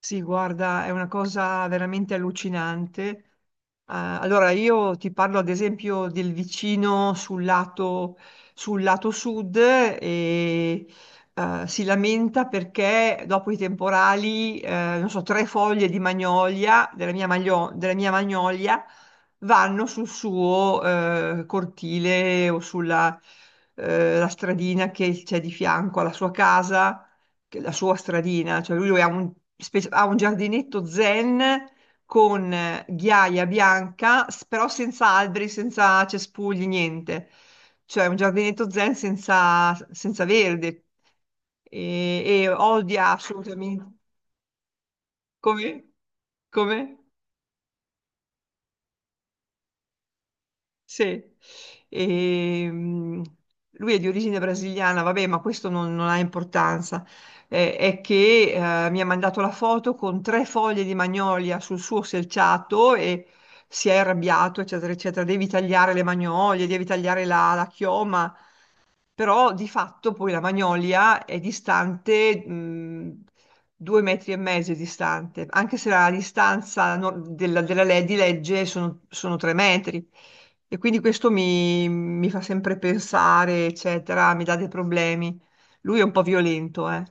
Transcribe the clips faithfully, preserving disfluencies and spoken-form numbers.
Sì, guarda, è una cosa veramente allucinante. Eh, allora, io ti parlo ad esempio del vicino sul lato, sul lato sud e eh, si lamenta perché dopo i temporali, eh, non so, tre foglie di magnolia, della mia, maglio- della mia magnolia, vanno sul suo eh, cortile o sulla eh, la stradina che c'è di fianco alla sua casa che- la sua stradina. Cioè lui ha un, spe- ha un giardinetto zen con eh, ghiaia bianca, s- però senza alberi, senza cespugli, niente. Cioè un giardinetto zen senza, senza verde, e, e odia assolutamente. Come? Come? Sì. Ehm, Lui è di origine brasiliana, vabbè, ma questo non, non ha importanza. Eh, è che eh, mi ha mandato la foto con tre foglie di magnolia sul suo selciato e si è arrabbiato, eccetera, eccetera. Devi tagliare le magnolie, devi tagliare la, la chioma. Però di fatto poi la Magnolia è distante, mh, due metri e mezzo è distante, anche se la distanza no- della, della le- di legge sono, sono tre metri. E quindi questo mi, mi fa sempre pensare, eccetera, mi dà dei problemi. Lui è un po' violento, eh.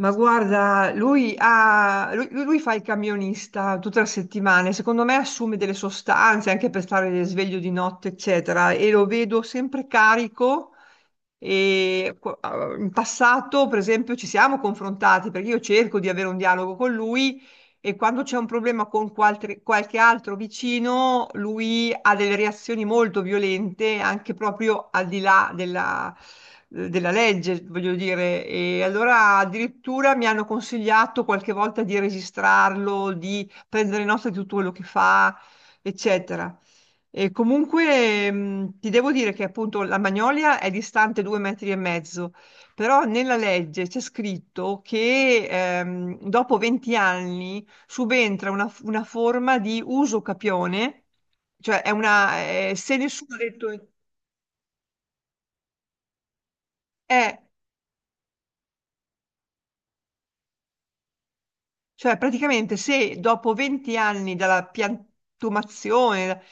Ma guarda, lui, ha- lui, lui- lui fa il camionista tutte le settimane, secondo me assume delle sostanze anche per stare sveglio di notte, eccetera, e lo vedo sempre carico. E qu- ah, in passato, per esempio, ci siamo confrontati perché io cerco di avere un dialogo con lui e quando c'è un problema con qualche, qualche altro vicino, lui ha delle reazioni molto violente, anche proprio al di là della, della legge, voglio dire. E allora addirittura mi hanno consigliato qualche volta di registrarlo, di prendere nota di tutto quello che fa, eccetera. E comunque mh, ti devo dire che appunto la Magnolia è distante due metri e mezzo, però nella legge c'è scritto che ehm, dopo venti anni subentra una, una forma di uso capione, cioè è una, eh, se nessuno ha detto. eh, Cioè, praticamente se dopo venti anni dalla piantumazione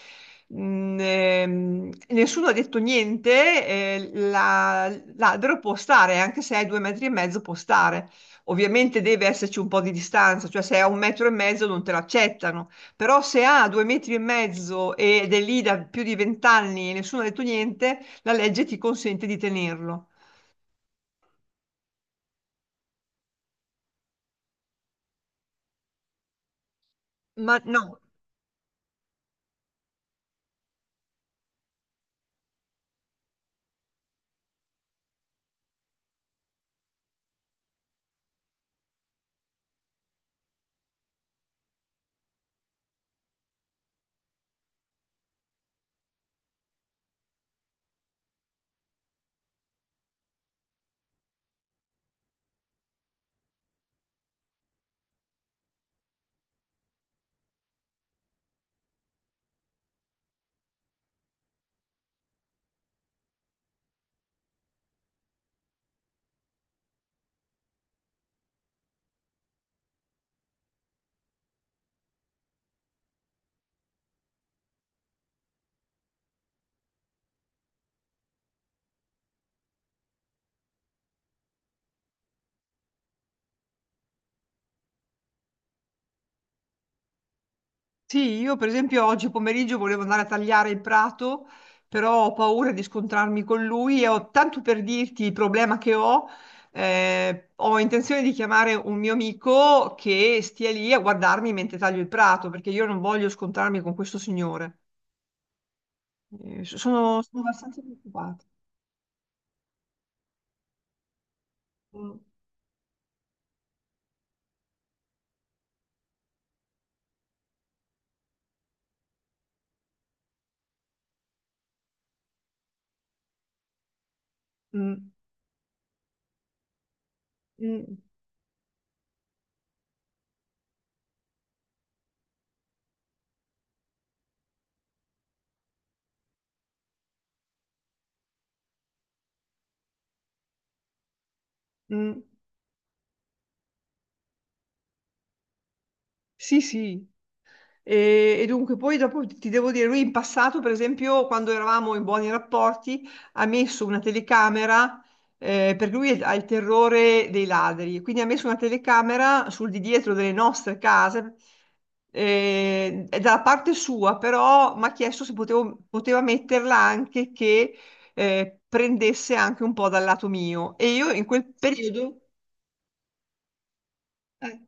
mh, ehm, nessuno ha detto niente, eh, la- l'albero può stare, anche se è due metri e mezzo può stare. Ovviamente deve esserci un po' di distanza, cioè se è a un metro e mezzo non te l'accettano, però se ha due metri e mezzo ed è lì da più di vent'anni e nessuno ha detto niente, la legge ti consente di tenerlo. Ma no. Sì, io per esempio oggi pomeriggio volevo andare a tagliare il prato, però ho paura di scontrarmi con lui e ho tanto per dirti il problema che ho, eh, ho intenzione di chiamare un mio amico che stia lì a guardarmi mentre taglio il prato, perché io non voglio scontrarmi con questo signore. Eh, so, sono, sono abbastanza preoccupata. Mm, mm, mm, mm. Sì, sì. E, e dunque, poi dopo ti devo dire, lui in passato, per esempio, quando eravamo in buoni rapporti, ha messo una telecamera, eh, perché lui ha il terrore dei ladri, quindi ha messo una telecamera sul di dietro delle nostre case, eh, e dalla parte sua, però mi ha chiesto se potevo- poteva metterla anche che eh, prendesse anche un po' dal lato mio. E io in quel periodo. eh,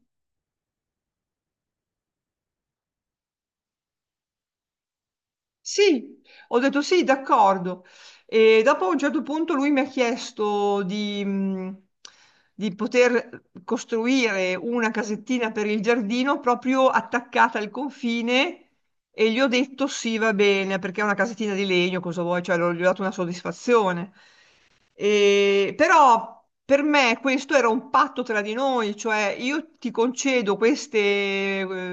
Sì, ho detto sì, d'accordo. E dopo a un certo punto lui mi ha chiesto di, mh, di poter costruire una casettina per il giardino proprio attaccata al confine e gli ho detto sì, va bene, perché è una casettina di legno, cosa vuoi? Cioè, l'ho- gli ho dato una soddisfazione. E- però per me questo era un patto tra di noi, cioè io ti concedo queste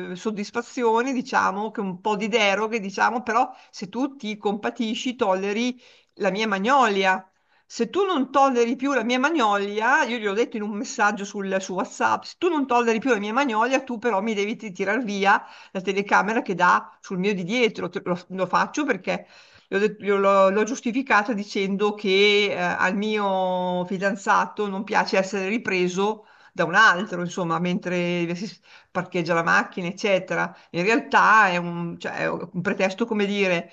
eh, soddisfazioni, diciamo, che un po' di deroghe, diciamo, però se tu ti compatisci, tolleri la mia magnolia. Se tu non tolleri più la mia magnolia, io gli ho detto in un messaggio sul, su WhatsApp, se tu non tolleri più la mia magnolia, tu però mi devi tirare via la telecamera che dà sul mio di dietro. Te- Lo, lo faccio perché L'ho det- io l'ho- l'ho giustificato dicendo che eh, al mio fidanzato non piace essere ripreso da un altro, insomma, mentre si parcheggia la macchina, eccetera. In realtà è un, cioè, è un pretesto come dire,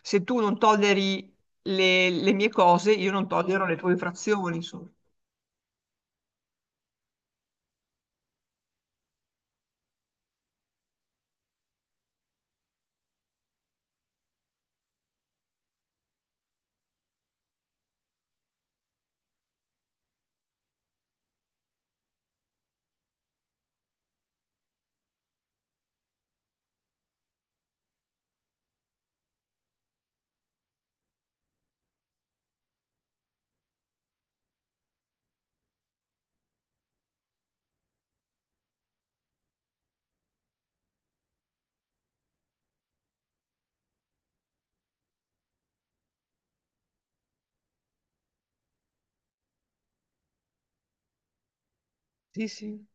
se tu non tolleri le, le mie cose, io non tollero le tue infrazioni, insomma. Sì, sì.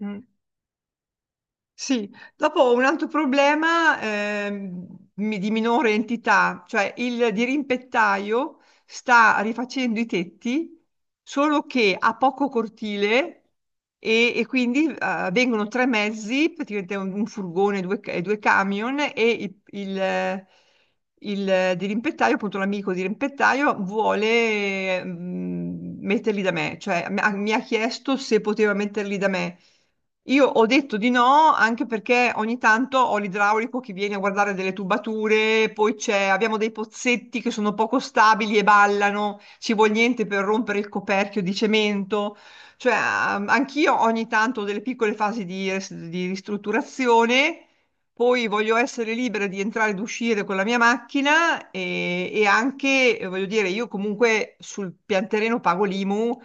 Mm. Sì, dopo un altro problema ehm, mi- di minore entità, cioè il dirimpettaio sta rifacendo i tetti, solo che ha poco cortile e, e quindi eh, vengono tre mezzi, praticamente un, un furgone e due, ca- e due camion e il, il, eh, il dirimpettaio, appunto l'amico dirimpettaio, vuole mm, metterli da me, cioè mi ha mi ha chiesto se poteva metterli da me. Io ho detto di no anche perché ogni tanto ho l'idraulico che viene a guardare delle tubature, poi c'è, abbiamo dei pozzetti che sono poco stabili e ballano, ci vuole niente per rompere il coperchio di cemento. Cioè, ehm, anch'io ogni tanto ho delle piccole fasi di, res- di ristrutturazione, poi voglio essere libera di entrare ed uscire con la mia macchina e, e anche, eh, voglio dire, io comunque sul pianterreno pago l'IMU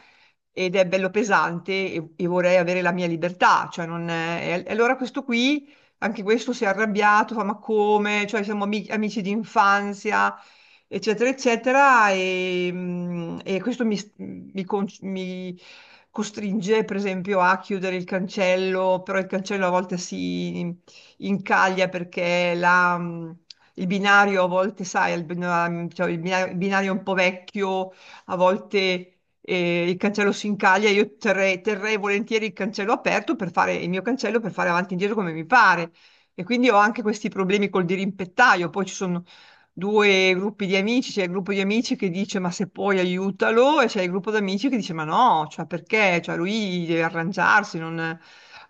ed è bello pesante e, e vorrei avere la mia libertà, cioè non è. E allora questo qui, anche questo si è arrabbiato, fa ma come, cioè siamo ami- amici di infanzia, eccetera, eccetera, e, mm, e questo mi, mi con- mi costringe, per esempio, a chiudere il cancello, però il cancello a volte si incaglia perché la. mm, Il binario a volte, sai, il bina- cioè il bina- il binario è un po' vecchio, a volte e il cancello si incaglia, io terrei, terrei volentieri il cancello aperto per fare il mio cancello per fare avanti e indietro come mi pare. E quindi ho anche questi problemi col dirimpettaio. Poi ci sono due gruppi di amici, c'è il gruppo di amici che dice ma se puoi aiutalo e c'è il gruppo di amici che dice ma no, cioè perché? Cioè lui deve arrangiarsi, non.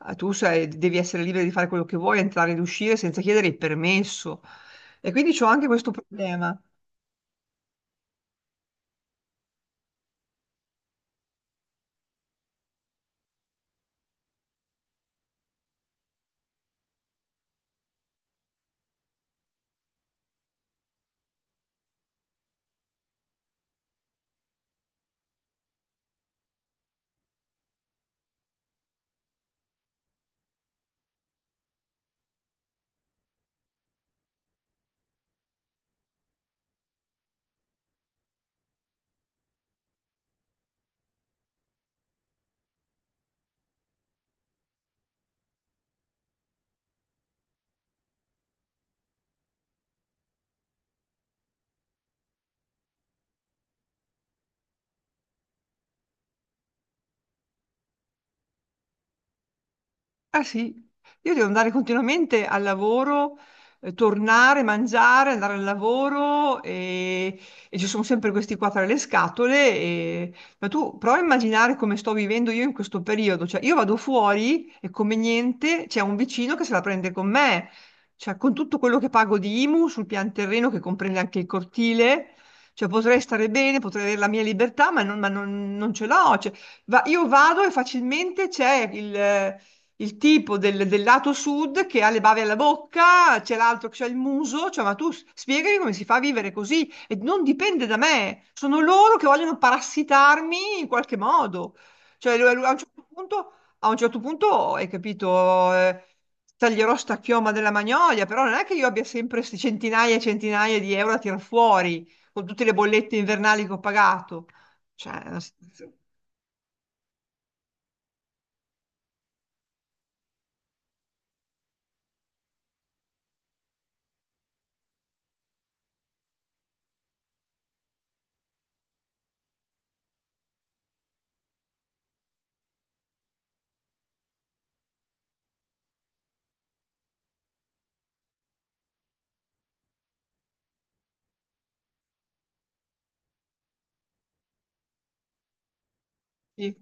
eh, tu sei- Devi essere libero di fare quello che vuoi, entrare ed uscire senza chiedere il permesso. E quindi ho anche questo problema. Ah sì, io devo andare continuamente al lavoro, eh, tornare, mangiare, andare al lavoro e, e ci sono sempre questi qua tra le scatole. e- Ma tu prova a immaginare come sto vivendo io in questo periodo. Cioè, io vado fuori e come niente c'è un vicino che se la prende con me. Cioè, con tutto quello che pago di IMU sul pian terreno che comprende anche il cortile, cioè, potrei stare bene, potrei avere la mia libertà, ma non, ma non- non ce l'ho. Cioè, va- io vado e facilmente c'è il il tipo del, del lato sud che ha le bave alla bocca, c'è l'altro che ha il muso, cioè ma tu s- spiegami come si fa a vivere così e non dipende da me, sono loro che vogliono parassitarmi in qualche modo. Cioè lui- lui a un certo punto, a un certo punto, hai capito, eh, taglierò sta chioma della Magnolia, però non è che io abbia sempre queste centinaia e centinaia di euro a tirar fuori con tutte le bollette invernali che ho pagato. Cioè, è una situazione. Sì.